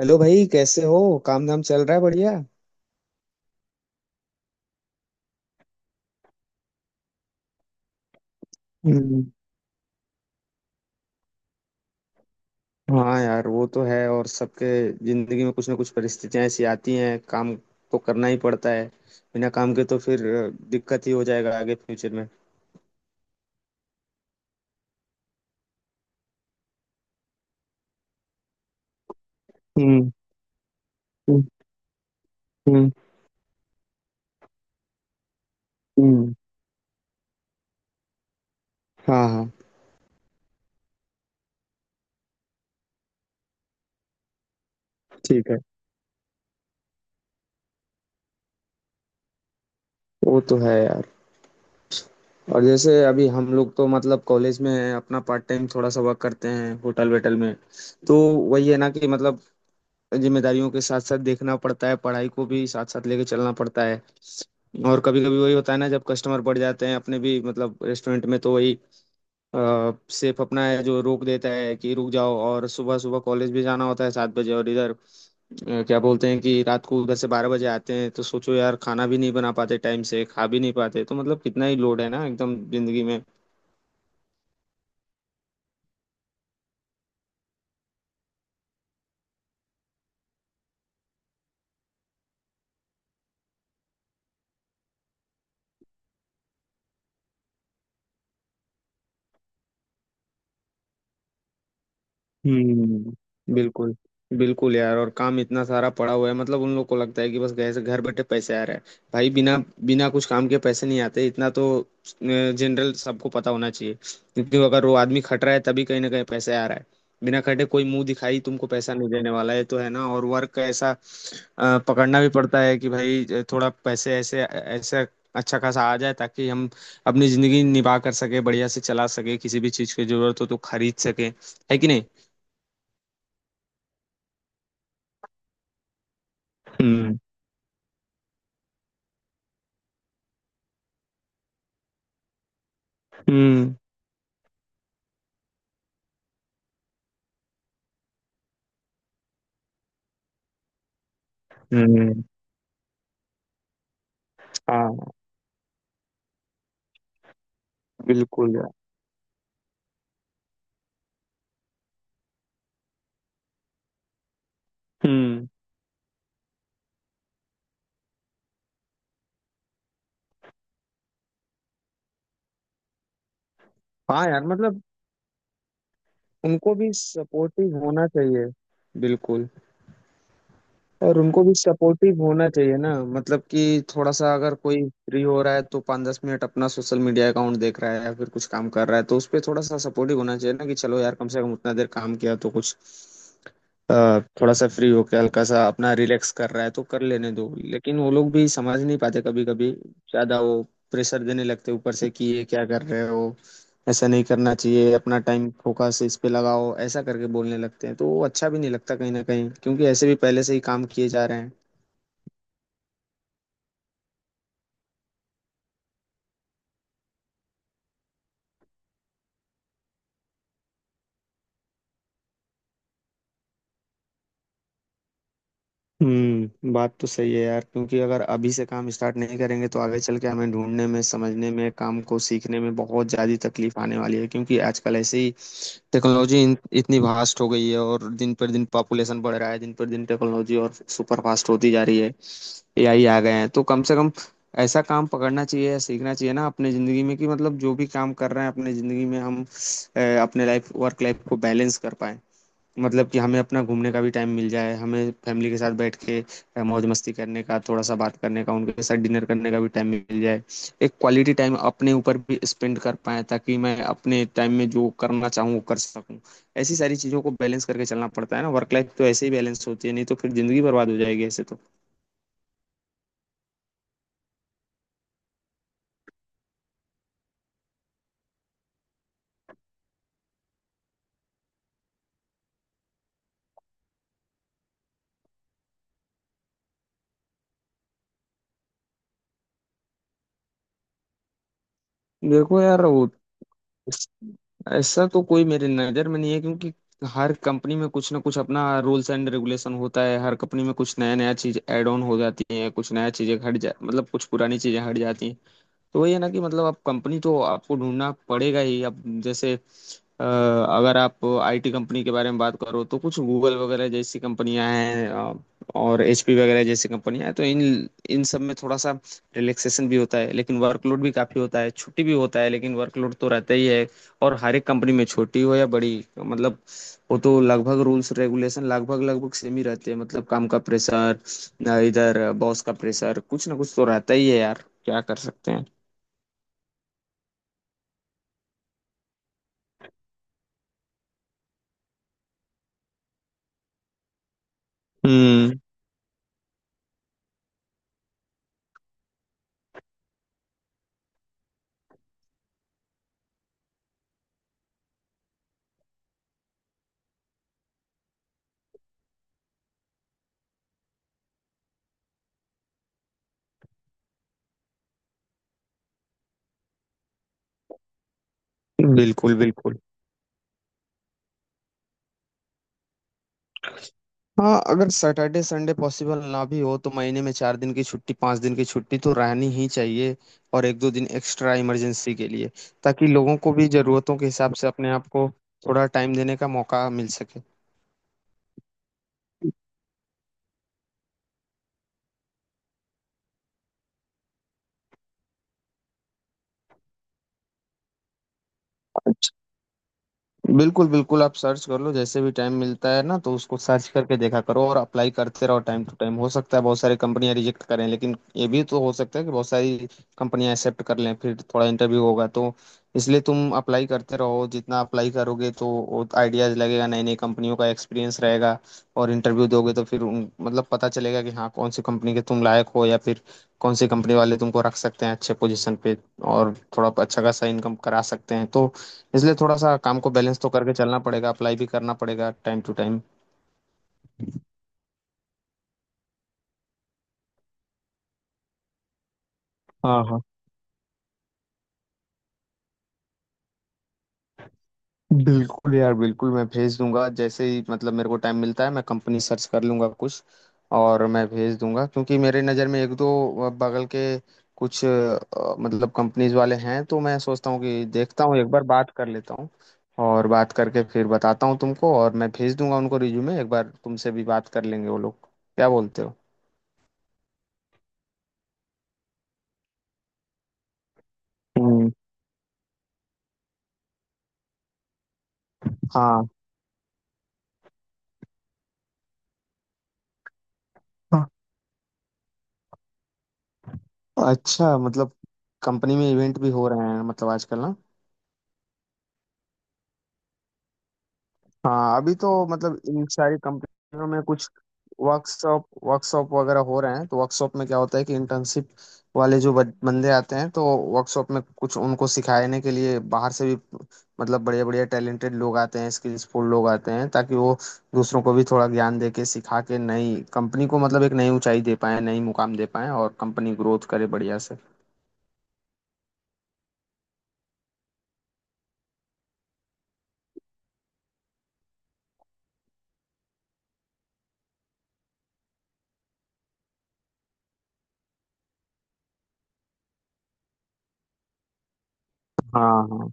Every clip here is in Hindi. हेलो भाई, कैसे हो? काम धाम चल रहा है बढ़िया। हम्म। हाँ यार, वो तो है। और सबके जिंदगी में कुछ ना कुछ परिस्थितियां ऐसी आती हैं, काम तो करना ही पड़ता है। बिना काम के तो फिर दिक्कत ही हो जाएगा आगे फ्यूचर में। हम्म। हम्म। हम्म। हम्म। हाँ हाँ, ठीक है। वो तो है यार। और जैसे अभी हम लोग तो मतलब कॉलेज में हैं, अपना पार्ट टाइम थोड़ा सा वर्क करते हैं होटल वेटल में। तो वही है ना कि मतलब, जिम्मेदारियों के साथ साथ देखना पड़ता है, पढ़ाई को भी साथ साथ लेके चलना पड़ता है। और कभी कभी वही होता है ना, जब कस्टमर बढ़ जाते हैं अपने भी मतलब रेस्टोरेंट में, तो वही सेफ अपना है जो रोक देता है कि रुक जाओ। और सुबह सुबह कॉलेज भी जाना होता है 7 बजे, और इधर क्या बोलते हैं कि रात को उधर से 12 बजे आते हैं। तो सोचो यार, खाना भी नहीं बना पाते टाइम से, खा भी नहीं पाते। तो मतलब कितना ही लोड है ना एकदम जिंदगी में। बिल्कुल। बिल्कुल यार, और काम इतना सारा पड़ा हुआ है, मतलब उन लोग को लगता है कि बस घर से घर बैठे पैसे आ रहे हैं। भाई बिना बिना कुछ काम के पैसे नहीं आते, इतना तो जनरल सबको पता होना चाहिए। क्योंकि अगर वो आदमी खट रहा है तभी कहीं ना कहीं पैसे आ रहा है। बिना खटे कोई मुंह दिखाई तुमको पैसा नहीं देने वाला है, तो है ना। और वर्क का ऐसा पकड़ना भी पड़ता है कि भाई थोड़ा पैसे ऐसे ऐसे अच्छा खासा आ जाए ताकि हम अपनी जिंदगी निभा कर सके, बढ़िया से चला सके, किसी भी चीज की जरूरत हो तो खरीद सके। है कि नहीं? हुँ। हुँ। हुँ। हाँ, बिल्कुल यार। हुँ, हाँ यार मतलब उनको भी सपोर्टिव होना चाहिए, बिल्कुल। और उनको भी सपोर्टिव होना चाहिए ना, मतलब कि थोड़ा सा अगर कोई फ्री हो रहा है तो 5-10 मिनट अपना सोशल मीडिया अकाउंट देख रहा है या फिर कुछ काम कर रहा है, तो उस पे थोड़ा सा सपोर्टिव होना चाहिए ना कि चलो यार, कम से कम उतना देर काम किया तो कुछ अ, थोड़ा सा फ्री होके हल्का सा अपना रिलैक्स कर रहा है तो कर लेने दो। लेकिन वो लोग भी समझ नहीं पाते कभी कभी, ज्यादा वो प्रेशर देने लगते ऊपर से कि ये क्या कर रहे हो, ऐसा नहीं करना चाहिए, अपना टाइम फोकस इस पे लगाओ, ऐसा करके बोलने लगते हैं। तो वो अच्छा भी नहीं लगता कहीं ना कहीं, क्योंकि ऐसे भी पहले से ही काम किए जा रहे हैं। बात तो सही है यार, क्योंकि अगर अभी से काम स्टार्ट नहीं करेंगे तो आगे चल के हमें ढूंढने में, समझने में, काम को सीखने में बहुत ज़्यादा तकलीफ आने वाली है। क्योंकि आजकल ऐसे ही टेक्नोलॉजी इतनी वास्ट हो गई है, और दिन पर दिन पॉपुलेशन बढ़ रहा है, दिन पर दिन टेक्नोलॉजी और सुपर फास्ट होती जा रही है। एआई आ गए हैं, तो कम से कम ऐसा काम पकड़ना चाहिए या सीखना चाहिए ना अपने ज़िंदगी में, कि मतलब जो भी काम कर रहे हैं अपने ज़िंदगी में हम अपने लाइफ वर्क लाइफ को बैलेंस कर पाए। मतलब कि हमें अपना घूमने का भी टाइम मिल जाए, हमें फैमिली के साथ बैठ के मौज मस्ती करने का, थोड़ा सा बात करने का उनके साथ, डिनर करने का भी टाइम मिल जाए। एक क्वालिटी टाइम अपने ऊपर भी स्पेंड कर पाए ताकि मैं अपने टाइम में जो करना चाहूँ वो कर सकूँ। ऐसी सारी चीज़ों को बैलेंस करके चलना पड़ता है ना। वर्क लाइफ तो ऐसे ही बैलेंस होती है, नहीं तो फिर जिंदगी बर्बाद हो जाएगी ऐसे तो। देखो यार, वो इस- ऐसा तो कोई मेरे नज़र में नहीं है, क्योंकि हर कंपनी में कुछ ना कुछ अपना रूल्स एंड रेगुलेशन होता है। हर कंपनी में कुछ नया नया चीज ऐड ऑन हो जाती है, कुछ नया चीजें हट जा मतलब कुछ पुरानी चीजें हट जाती हैं। तो वही है ना कि मतलब अब कंपनी तो आपको ढूंढना पड़ेगा ही। अब जैसे अगर आप आईटी कंपनी के बारे में बात करो तो कुछ गूगल वगैरह जैसी कंपनियां हैं और एचपी वगैरह जैसी कंपनियां हैं। तो इन इन सब में थोड़ा सा रिलैक्सेशन भी होता है, लेकिन वर्कलोड भी काफी होता है। छुट्टी भी होता है लेकिन वर्कलोड तो रहता ही है। और हर एक कंपनी में छोटी हो या बड़ी, मतलब वो तो लगभग रूल्स रेगुलेशन लगभग लगभग सेम ही रहते हैं। मतलब काम का प्रेशर, इधर बॉस का प्रेशर, कुछ ना कुछ तो रहता ही है यार, क्या कर सकते हैं। हम्म बिल्कुल, बिल्कुल। हाँ, अगर सैटरडे संडे पॉसिबल ना भी हो तो महीने में 4 दिन की छुट्टी, 5 दिन की छुट्टी तो रहनी ही चाहिए। और एक दो दिन एक्स्ट्रा इमरजेंसी के लिए, ताकि लोगों को भी जरूरतों के हिसाब से अपने आप को थोड़ा टाइम देने का मौका मिल सके। बिल्कुल बिल्कुल, आप सर्च कर लो जैसे भी टाइम मिलता है ना, तो उसको सर्च करके देखा करो और अप्लाई करते रहो टाइम टू टाइम। हो सकता है बहुत सारी कंपनियां रिजेक्ट करें, लेकिन ये भी तो हो सकता है कि बहुत सारी कंपनियां एक्सेप्ट कर लें। फिर थोड़ा इंटरव्यू होगा तो, इसलिए तुम अप्लाई करते रहो। जितना अप्लाई करोगे तो आइडियाज लगेगा, नई नई कंपनियों का एक्सपीरियंस रहेगा। और इंटरव्यू दोगे तो फिर मतलब पता चलेगा कि हाँ कौन सी कंपनी के तुम लायक हो या फिर कौन सी कंपनी वाले तुमको रख सकते हैं अच्छे पोजीशन पे, और थोड़ा अच्छा खासा इनकम करा सकते हैं तो। इसलिए थोड़ा सा काम को बैलेंस तो करके चलना पड़ेगा, अप्लाई भी करना पड़ेगा टाइम टू टाइम। हाँ हाँ, बिल्कुल यार बिल्कुल, मैं भेज दूंगा जैसे ही मतलब मेरे को टाइम मिलता है, मैं कंपनी सर्च कर लूंगा कुछ और मैं भेज दूंगा। क्योंकि मेरे नज़र में एक दो बगल के कुछ मतलब कंपनीज वाले हैं, तो मैं सोचता हूँ कि देखता हूँ एक बार बात कर लेता हूँ। और बात करके फिर बताता हूँ तुमको, और मैं भेज दूंगा उनको रिज्यूमे। एक बार तुमसे भी बात कर लेंगे वो लोग, क्या बोलते हो? हम्म। हाँ, अच्छा, मतलब कंपनी में इवेंट भी हो रहे हैं मतलब आजकल ना? हाँ, अभी तो मतलब इन सारी कंपनियों में कुछ वर्कशॉप वर्कशॉप वगैरह हो रहे हैं, तो वर्कशॉप में क्या होता है कि इंटर्नशिप वाले जो बंदे आते हैं, तो वर्कशॉप में कुछ उनको सिखाने के लिए बाहर से भी मतलब बढ़िया बढ़िया टैलेंटेड लोग आते हैं, स्किल्सफुल लोग आते हैं ताकि वो दूसरों को भी थोड़ा ज्ञान दे के, सिखा के नई कंपनी को मतलब एक नई ऊंचाई दे पाए, नई मुकाम दे पाए और कंपनी ग्रोथ करे बढ़िया से। हाँ हाँ,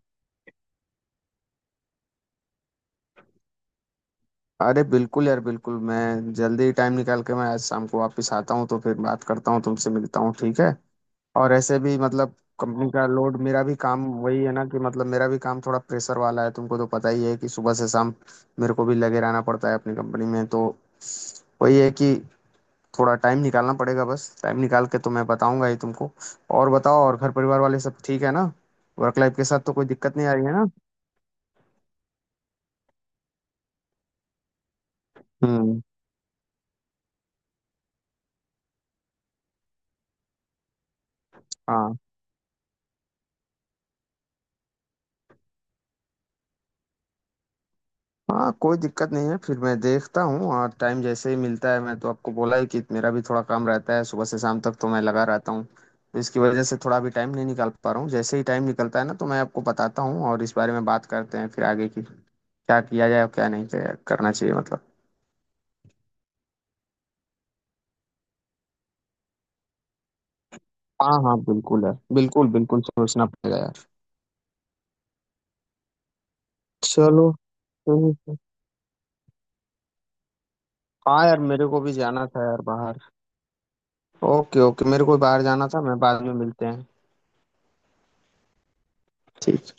अरे बिल्कुल यार बिल्कुल, मैं जल्दी टाइम निकाल के मैं आज शाम को वापस आता हूँ तो फिर बात करता हूँ तुमसे, मिलता हूँ, ठीक है? और ऐसे भी मतलब कंपनी का लोड, मेरा भी काम वही है ना कि मतलब मेरा भी काम थोड़ा प्रेशर वाला है। तुमको तो पता ही है कि सुबह से शाम मेरे को भी लगे रहना पड़ता है अपनी कंपनी में। तो वही है कि थोड़ा टाइम निकालना पड़ेगा, बस टाइम निकाल के तो मैं बताऊंगा ही तुमको। और बताओ, और घर परिवार वाले सब ठीक है ना? वर्क लाइफ के साथ तो कोई दिक्कत नहीं आ रही है ना? हम्म। हाँ हाँ, कोई दिक्कत नहीं है। फिर मैं देखता हूँ और टाइम जैसे ही मिलता है, मैं तो आपको बोला ही कि मेरा भी थोड़ा काम रहता है सुबह से शाम तक, तो मैं लगा रहता हूँ। तो इसकी वजह से थोड़ा भी टाइम नहीं निकाल पा रहा हूँ। जैसे ही टाइम निकलता है ना, तो मैं आपको बताता हूँ, और इस बारे में बात करते हैं फिर आगे की, क्या किया जाए और क्या नहीं किया करना चाहिए मतलब। हाँ हाँ बिल्कुल यार, बिल्कुल बिल्कुल सोचना पड़ेगा यार। चलो, ठीक है। हाँ यार, मेरे को भी जाना था यार बाहर। ओके ओके, मेरे को भी बाहर जाना था, मैं बाद में मिलते हैं। ठीक